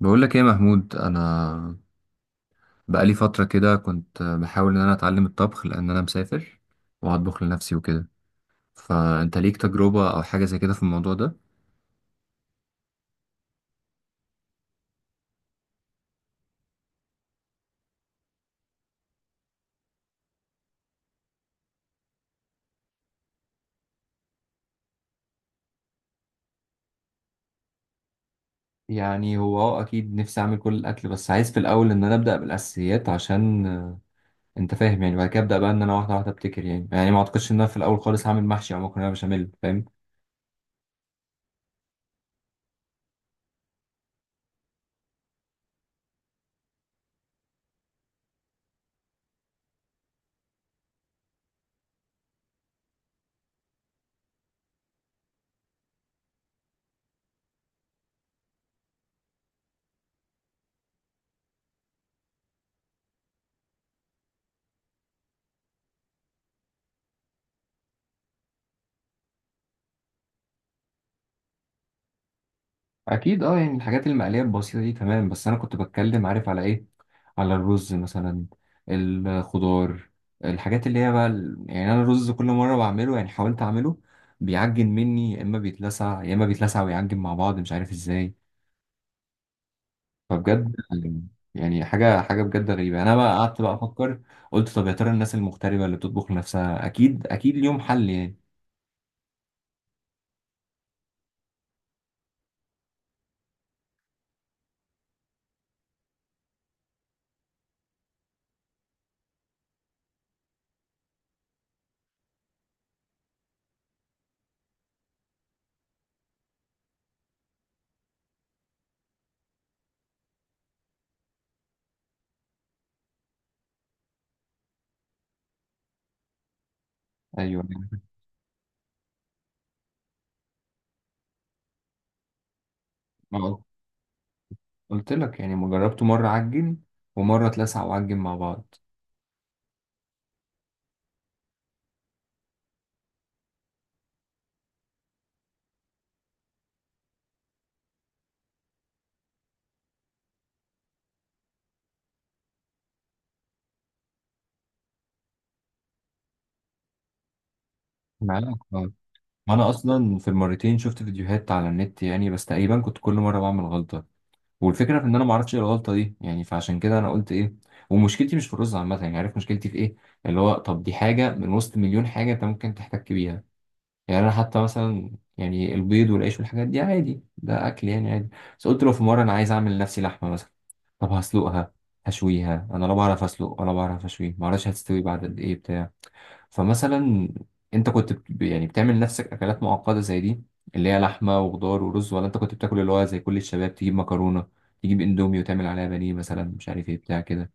بقول لك ايه يا محمود؟ انا بقالي فتره كده كنت بحاول ان انا اتعلم الطبخ، لان انا مسافر وهطبخ لنفسي وكده. فانت ليك تجربه او حاجه زي كده في الموضوع ده؟ يعني هو اكيد نفسي اعمل كل الاكل، بس عايز في الاول ان انا ابدا بالاساسيات عشان انت فاهم. يعني بعد كده ابدا بقى ان انا واحده واحده ابتكر، يعني ما اعتقدش ان انا في الاول خالص هعمل محشي او مكرونه بشاميل فاهم. اكيد اه، يعني الحاجات المقليه البسيطه دي تمام، بس انا كنت بتكلم عارف على ايه؟ على الرز مثلا، الخضار، الحاجات اللي هي بقى يعني انا الرز كل مره بعمله، يعني حاولت اعمله بيعجن مني، يا اما بيتلسع، يا اما بيتلسع ويعجن مع بعض مش عارف ازاي. فبجد يعني حاجه حاجه بجد غريبه. انا بقى قعدت بقى افكر، قلت طب يا ترى الناس المغتربه اللي بتطبخ لنفسها اكيد اكيد ليهم حل يعني. ايوه يعني، ما قلت لك يعني ما جربته، مره عجن ومره اتلسع وعجن مع بعض. معاك. اه، ما انا اصلا في المرتين شفت فيديوهات على النت يعني، بس تقريبا كنت كل مره بعمل غلطه، والفكره في ان انا ما اعرفش ايه الغلطه دي يعني. فعشان كده انا قلت ايه، ومشكلتي مش في الرز عامه، يعني عارف مشكلتي في ايه؟ اللي هو طب دي حاجه من وسط مليون حاجه انت ممكن تحتك بيها. يعني انا حتى مثلا، يعني البيض والعيش والحاجات دي عادي، ده اكل يعني عادي. بس قلت لو في مره انا عايز اعمل لنفسي لحمه مثلا، طب هسلقها هشويها؟ انا لا بعرف اسلق ولا بعرف اشوي، ما اعرفش هتستوي بعد قد ايه بتاع. فمثلا انت كنت يعني بتعمل نفسك اكلات معقده زي دي اللي هي لحمه وخضار ورز، ولا انت كنت بتاكل اللي هو زي كل الشباب، تجيب مكرونه، تجيب اندومي وتعمل عليها بانيه مثلا مش عارف ايه بتاع كده؟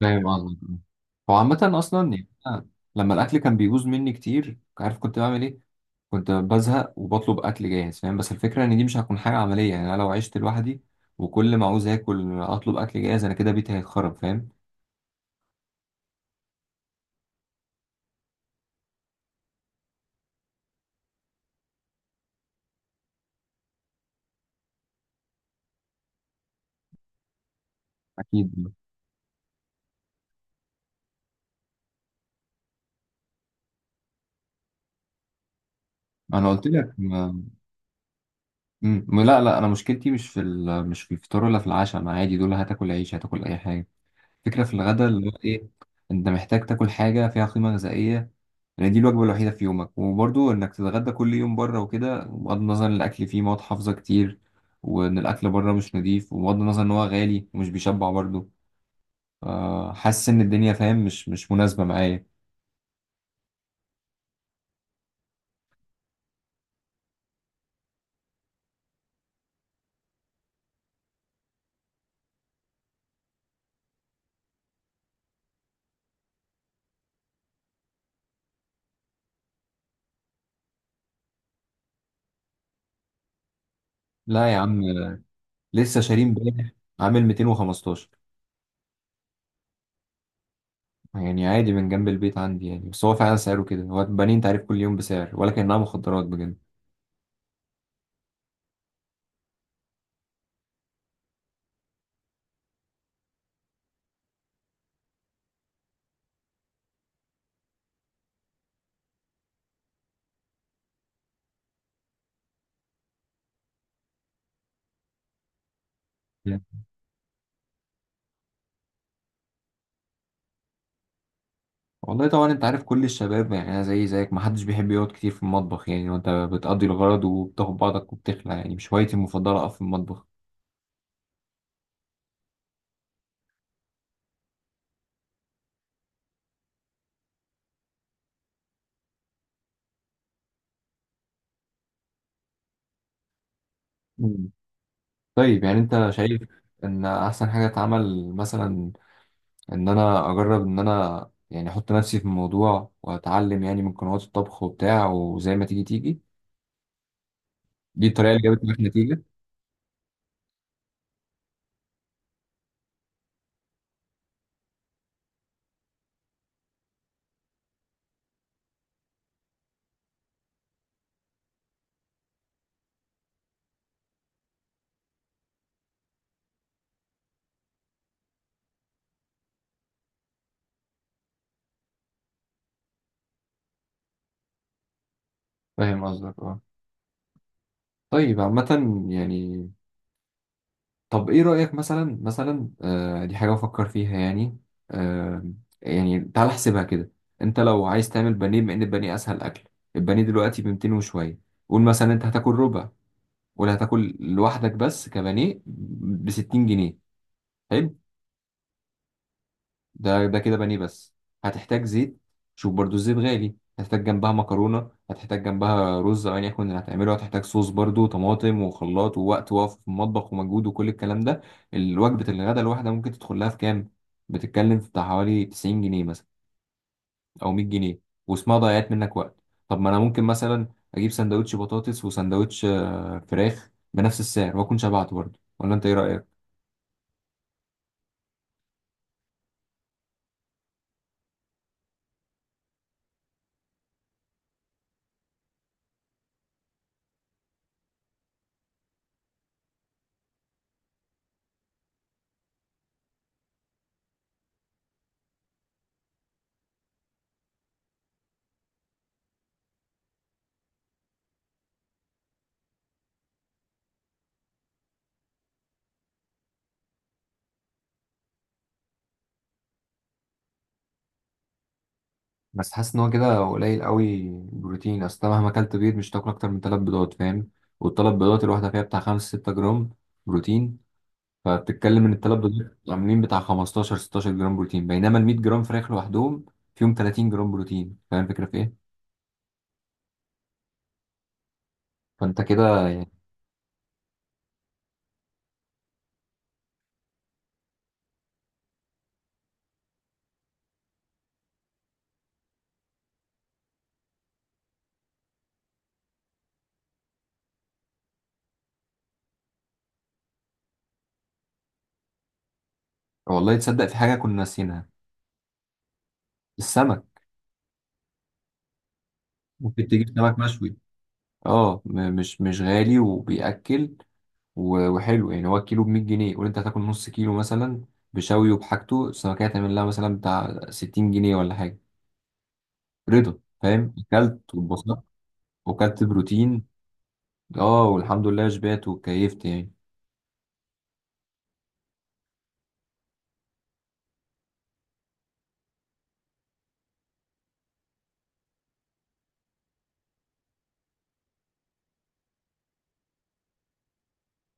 فاهم قصدك. هو عامه اصلا يعني أنا لما الاكل كان بيبوظ مني كتير عارف كنت بعمل ايه؟ كنت بزهق وبطلب اكل جاهز، فاهم. بس الفكره ان دي مش هتكون حاجه عمليه، يعني انا لو عشت لوحدي وكل ما عاوز اكل اطلب اكل جاهز، انا كده بيتي هيتخرب فاهم. اكيد. انا قلت لك. لا لا انا مشكلتي مش في مش في الفطار ولا في العشاء، انا عادي دول، هتاكل عيش هتاكل اي حاجه. فكره في الغداء اللي هو ايه، انت محتاج تاكل حاجه فيها قيمه غذائيه، لان دي الوجبه الوحيده في يومك. وبرضو انك تتغدى كل يوم بره وكده، بغض النظر ان الاكل فيه مواد حافظه كتير وان الاكل بره مش نضيف، وبغض النظر ان هو غالي ومش بيشبع برضو. حاسس ان الدنيا فاهم مش مناسبه معايا. لا يا عم، لسه شاري امبارح، عامل 215. يعني عادي، من جنب البيت عندي يعني. بس هو فعلا سعره كده، هو بنين، انت عارف كل يوم بسعر ولا كأنها مخدرات بجد. مم. والله طبعا انت عارف كل الشباب يعني، انا زي زيك، ما حدش بيحب يقعد كتير في المطبخ يعني. وانت بتقضي الغرض وبتاخد بعضك وبتخلع، يعني مش هوايتي المفضلة اقف في المطبخ. مم. طيب يعني انت شايف ان احسن حاجة اتعمل مثلا ان انا اجرب، ان انا يعني احط نفسي في الموضوع واتعلم يعني من قنوات الطبخ وبتاع وزي ما تيجي تيجي؟ دي الطريقة اللي جابت معاك نتيجة؟ فاهم قصدك اه. طيب عامة، يعني، طب ايه رأيك مثلا؟ دي حاجة بفكر فيها يعني. آه، يعني تعال احسبها كده. انت لو عايز تعمل بانيه، بما ان البانيه اسهل اكل، البانيه دلوقتي ب 200 وشوية. قول مثلا انت هتاكل ربع، ولا هتاكل لوحدك بس كبانيه، ب 60 جنيه. حلو. ده كده بانيه بس. هتحتاج زيت، شوف برضو الزيت غالي، هتحتاج جنبها مكرونة، هتحتاج جنبها رز أو أيا يكن اللي هتعمله، هتحتاج صوص برضو طماطم وخلاط ووقت وقف في المطبخ ومجهود وكل الكلام ده. الوجبة الغداء الواحدة ممكن تدخل لها في كام؟ بتتكلم في بتاع حوالي 90 جنيه مثلا أو 100 جنيه، واسمها ضيعت منك وقت. طب ما أنا ممكن مثلا أجيب سندوتش بطاطس وسندوتش فراخ بنفس السعر وأكون شبعت برضو، ولا أنت إيه رأيك؟ بس حاسس ان هو كده قليل قوي بروتين، اصل أنت مهما اكلت بيض مش هتاكل اكتر من 3 بيضات فاهم. والثلاث بيضات الواحده فيها بتاع 5 6 جرام بروتين، فبتتكلم ان الثلاث بيضات عاملين بتاع 15 16 جرام بروتين، بينما ال 100 جرام فراخ لوحدهم فيهم 30 جرام بروتين، فاهم الفكره في ايه؟ فانت كده يعني. والله تصدق في حاجه كنا ناسينها، السمك. ممكن تجيب سمك مشوي، اه مش غالي وبيأكل وحلو، يعني هو الكيلو ب 100 جنيه، قول انت هتاكل نص كيلو مثلا بشوي وبحاجته السمكية هتعمل لها مثلا بتاع 60 جنيه ولا حاجة. رضا فاهم، اكلت واتبسطت وكلت بروتين. اه، والحمد لله شبعت وكيفت يعني.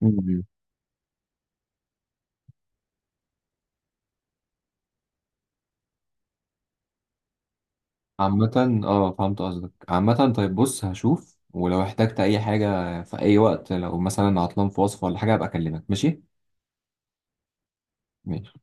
مم. عامة اه فهمت قصدك. عامة طيب، بص هشوف، ولو احتجت اي حاجة في اي وقت، لو مثلا عطلان في وصفة ولا حاجة ابقى اكلمك. ماشي؟ ماشي.